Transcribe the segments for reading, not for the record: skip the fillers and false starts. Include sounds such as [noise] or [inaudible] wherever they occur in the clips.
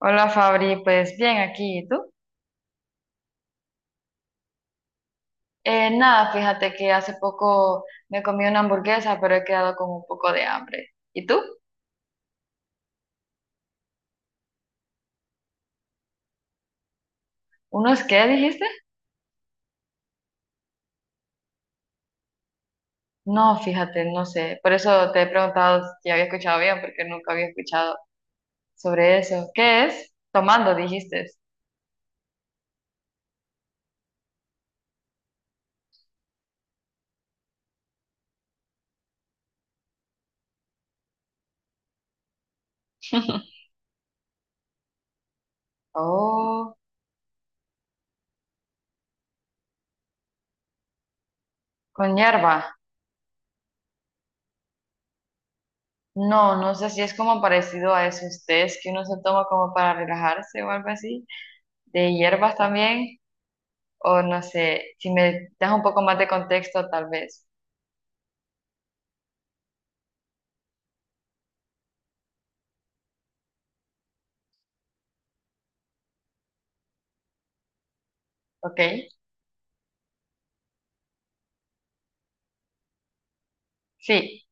Hola Fabri, pues bien aquí, ¿y tú? Nada, fíjate que hace poco me comí una hamburguesa, pero he quedado con un poco de hambre. ¿Y tú? ¿Unos qué dijiste? No, fíjate, no sé. Por eso te he preguntado si había escuchado bien, porque nunca había escuchado sobre eso. ¿Qué es? Tomando, dijiste. [laughs] Oh, con hierba. No, no sé si es como parecido a esos tés que uno se toma como para relajarse o algo así. De hierbas también. O no sé, si me das un poco más de contexto, tal vez. ¿Ok? Sí.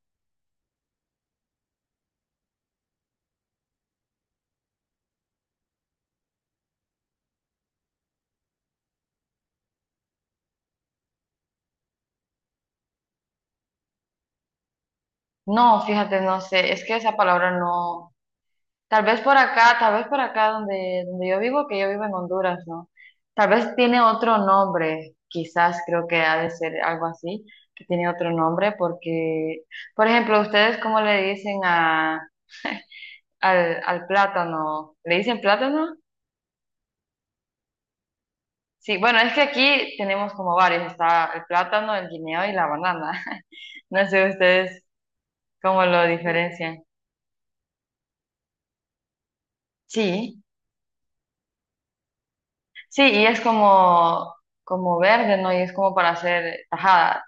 No, fíjate, no sé. Es que esa palabra no. Tal vez por acá, tal vez por acá donde, donde yo vivo, que yo vivo en Honduras, ¿no? Tal vez tiene otro nombre. Quizás creo que ha de ser algo así, que tiene otro nombre, porque, por ejemplo, ¿ustedes cómo le dicen a, al plátano? ¿Le dicen plátano? Sí, bueno, es que aquí tenemos como varios. Está el plátano, el guineo y la banana. No sé ustedes cómo lo diferencian. Sí, sí, y es como, como verde, ¿no? Y es como para hacer tajada.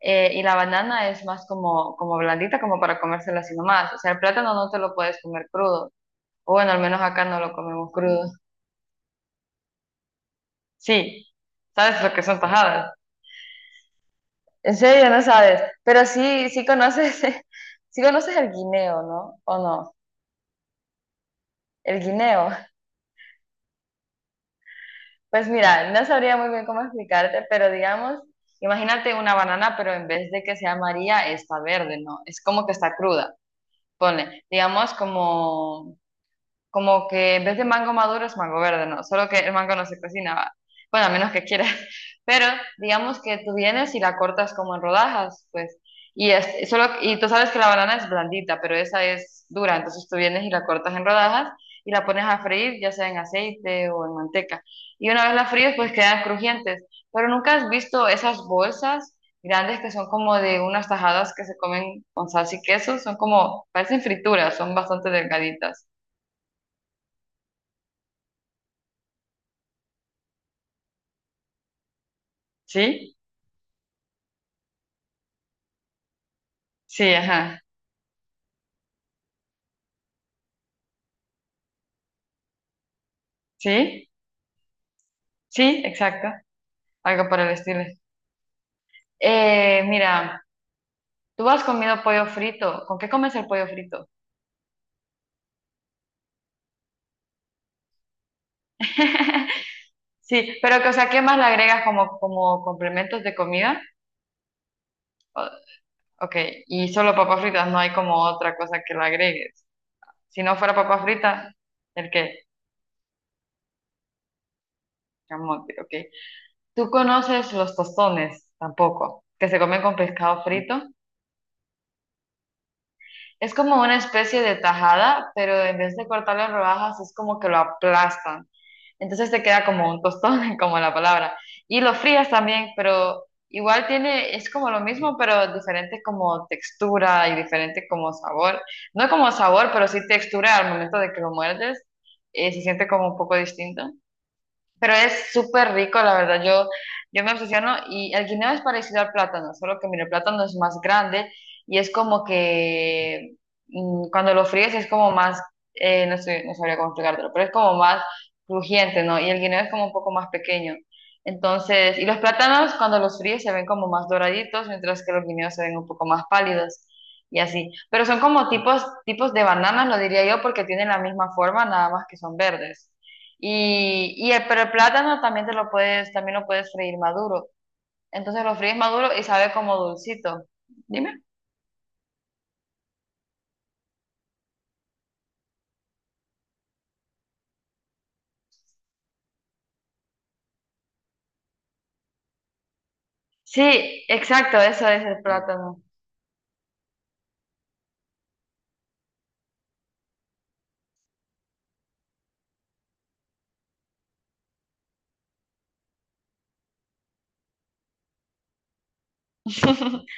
Y la banana es más como, como blandita, como para comérsela así nomás. O sea, el plátano no te lo puedes comer crudo. O bueno, al menos acá no lo comemos crudo. Sí, ¿sabes lo que son tajadas? En serio, no sabes. Pero sí, sí conoces, [laughs] sí conoces el guineo, ¿no? ¿O no? El guineo. Pues mira, no sabría muy bien cómo explicarte, pero digamos, imagínate una banana, pero en vez de que sea amarilla, está verde, ¿no? Es como que está cruda. Ponle, digamos como, como que en vez de mango maduro es mango verde, ¿no? Solo que el mango no se cocina, ¿va? Bueno, a menos que quieras. [laughs] Pero digamos que tú vienes y la cortas como en rodajas, pues. Y, es, solo, y tú sabes que la banana es blandita, pero esa es dura. Entonces tú vienes y la cortas en rodajas y la pones a freír, ya sea en aceite o en manteca. Y una vez la fríes, pues quedan crujientes. Pero nunca has visto esas bolsas grandes que son como de unas tajadas que se comen con salsa y queso. Son como, parecen frituras, son bastante delgaditas. ¿Sí? Sí, ajá. Sí, sí, exacto. Algo por el estilo. Mira, tú has comido pollo frito. ¿Con qué comes el pollo frito? [laughs] Sí, pero que, o sea, ¿qué más le agregas como, como complementos de comida? O- ok, y solo papas fritas, no hay como otra cosa que le agregues. Si no fuera papas fritas, ¿el qué? Camote, ok. ¿Tú conoces los tostones? Tampoco. Que se comen con pescado frito. Es como una especie de tajada, pero en vez de cortarlo en rodajas, es como que lo aplastan. Entonces te queda como un tostón, [laughs] como la palabra. Y lo frías también, pero igual tiene, es como lo mismo, pero diferente como textura y diferente como sabor. No como sabor, pero sí textura al momento de que lo muerdes, se siente como un poco distinto. Pero es súper rico, la verdad. Yo me obsesiono y el guineo es parecido al plátano, solo que mira, el plátano es más grande y es como que cuando lo fríes es como más, no sé, no sabría cómo explicártelo, pero es como más crujiente, ¿no? Y el guineo es como un poco más pequeño. Entonces, y los plátanos cuando los fríes se ven como más doraditos, mientras que los guineos se ven un poco más pálidos y así. Pero son como tipos, tipos de bananas, lo diría yo, porque tienen la misma forma, nada más que son verdes. Pero el plátano también te lo puedes, también lo puedes freír maduro. Entonces lo fríes maduro y sabe como dulcito. Dime. Sí, exacto, eso es el plátano. [laughs]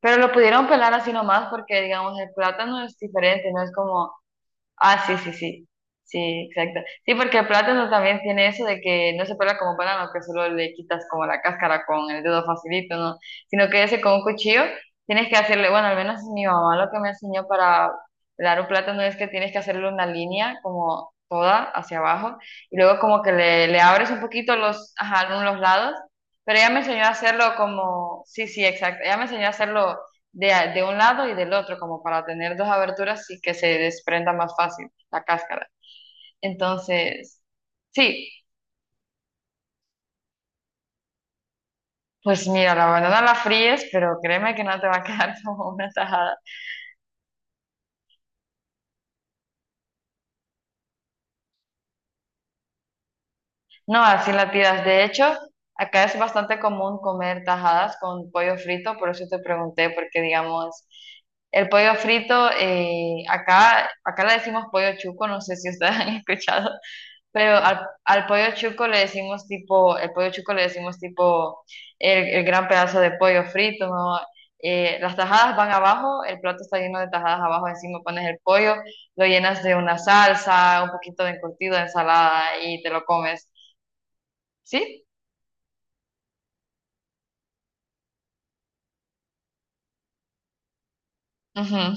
Pero lo pudieron pelar así nomás porque, digamos, el plátano es diferente, no es como Ah, sí, sí, sí. Sí, exacto. Sí, porque el plátano también tiene eso de que no se pela como banano, que solo le quitas como la cáscara con el dedo facilito, ¿no? Sino que ese con un cuchillo tienes que hacerle, bueno, al menos mi mamá lo que me enseñó para pelar un plátano es que tienes que hacerle una línea como toda hacia abajo y luego como que le abres un poquito los, ajá, los lados, pero ella me enseñó a hacerlo como, sí, sí, exacto. Ella me enseñó a hacerlo de, de un lado y del otro, como para tener dos aberturas y que se desprenda más fácil la cáscara. Entonces, sí, pues mira, la banana la fríes, pero créeme que no te va a [laughs] quedar como una tajada. No, así la tiras. De hecho, acá es bastante común comer tajadas con pollo frito, por eso te pregunté, porque digamos... El pollo frito, acá le decimos pollo chuco, no sé si ustedes [laughs] han escuchado. Pero al pollo chuco le decimos tipo, el pollo chuco le decimos tipo el gran pedazo de pollo frito, ¿no? Las tajadas van abajo, el plato está lleno de tajadas abajo, encima pones el pollo, lo llenas de una salsa, un poquito de encurtido, de ensalada y te lo comes. ¿Sí? Ujú.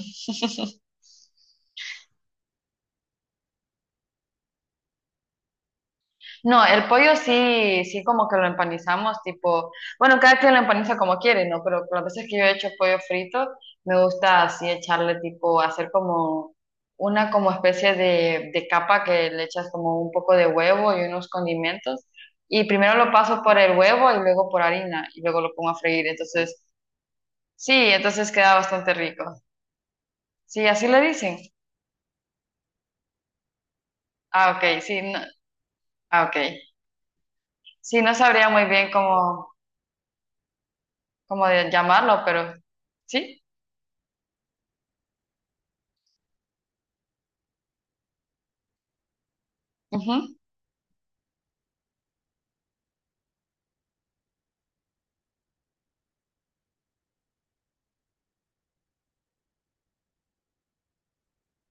No, el pollo sí, sí como que lo empanizamos, tipo, bueno, cada quien lo empaniza como quiere, ¿no? Pero las veces que yo he hecho pollo frito, me gusta así echarle tipo, hacer como una como especie de capa que le echas como un poco de huevo y unos condimentos. Y primero lo paso por el huevo y luego por harina y luego lo pongo a freír. Entonces, sí, entonces queda bastante rico. Sí, así le dicen. Ah, ok, sí, no, ah, ok. Sí, no sabría muy bien cómo, llamarlo, pero sí. Ujú.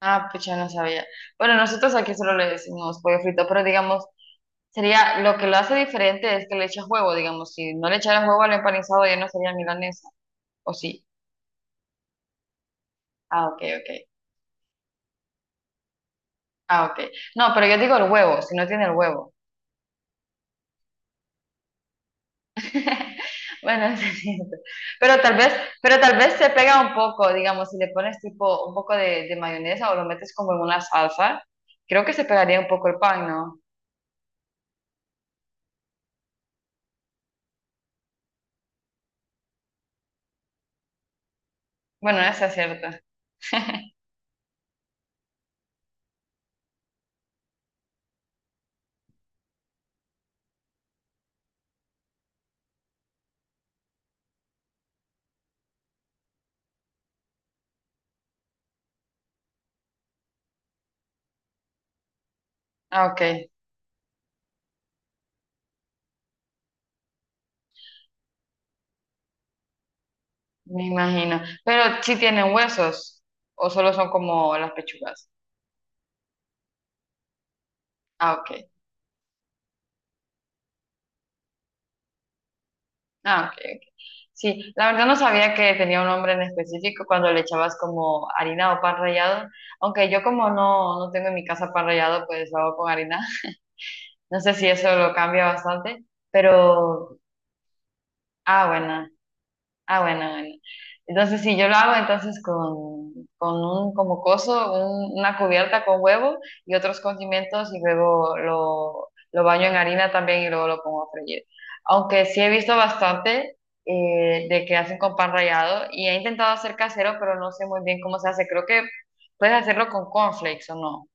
Ah, pues ya no sabía. Bueno, nosotros aquí solo le decimos pollo frito, pero digamos, sería lo que lo hace diferente es que le echas huevo, digamos, si no le echaras huevo al empanizado ya no sería milanesa, ¿o sí? Ah, ok, ok. Ah, ok. No, pero yo digo el huevo, si no tiene el huevo. [laughs] Bueno, [laughs] es cierto. Pero tal vez, pero tal vez se pega un poco, digamos, si le pones tipo un poco de mayonesa o lo metes como en una salsa, creo que se pegaría un poco el pan, ¿no? Bueno, eso es cierto. Ah, ok. Me imagino. Pero sí tienen huesos o solo son como las pechugas. Ah, ok. Ah, ok, ok. Sí, la verdad no sabía que tenía un nombre en específico cuando le echabas como harina o pan rallado. Aunque yo como no, no tengo en mi casa pan rallado, pues lo hago con harina. [laughs] No sé si eso lo cambia bastante, pero... Ah, bueno. Ah, bueno, bueno. Entonces, si yo lo hago entonces con un como coso, una cubierta con huevo y otros condimentos y luego lo baño en harina también y luego lo pongo a freír. Aunque sí he visto bastante de que hacen con pan rallado y he intentado hacer casero, pero no sé muy bien cómo se hace. Creo que puedes hacerlo con cornflakes o no.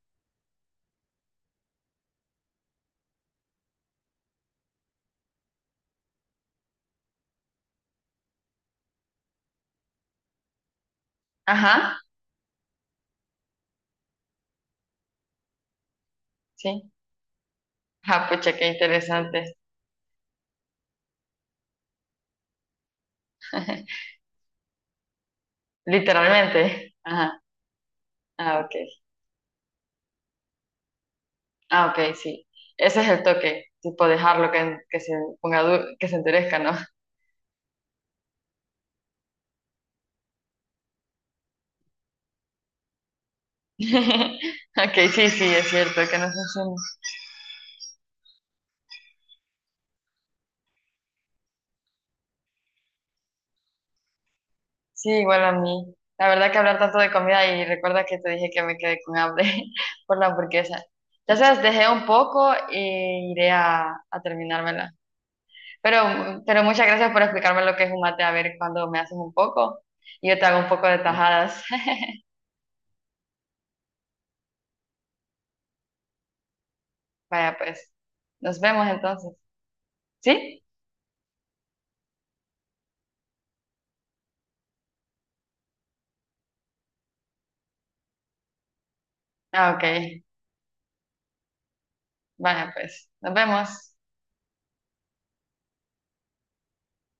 Ajá, sí. Ah, pucha, qué interesante. [laughs] Literalmente. Ajá. Ah, ok. Ah, ok, sí. Ese es el toque, tipo dejarlo que se que se enterezca, ¿no? [laughs] Ok, sí, sí, es cierto, que no funciona. Sí, igual a mí. La verdad que hablar tanto de comida y recuerda que te dije que me quedé con hambre [laughs] por la hamburguesa. Ya sabes, dejé un poco e iré a terminármela. Pero muchas gracias por explicarme lo que es un mate, a ver cuando me haces un poco y yo te hago un poco de tajadas. [laughs] Vaya, pues, nos vemos entonces. ¿Sí? Ah, ok. Vaya, pues, nos vemos.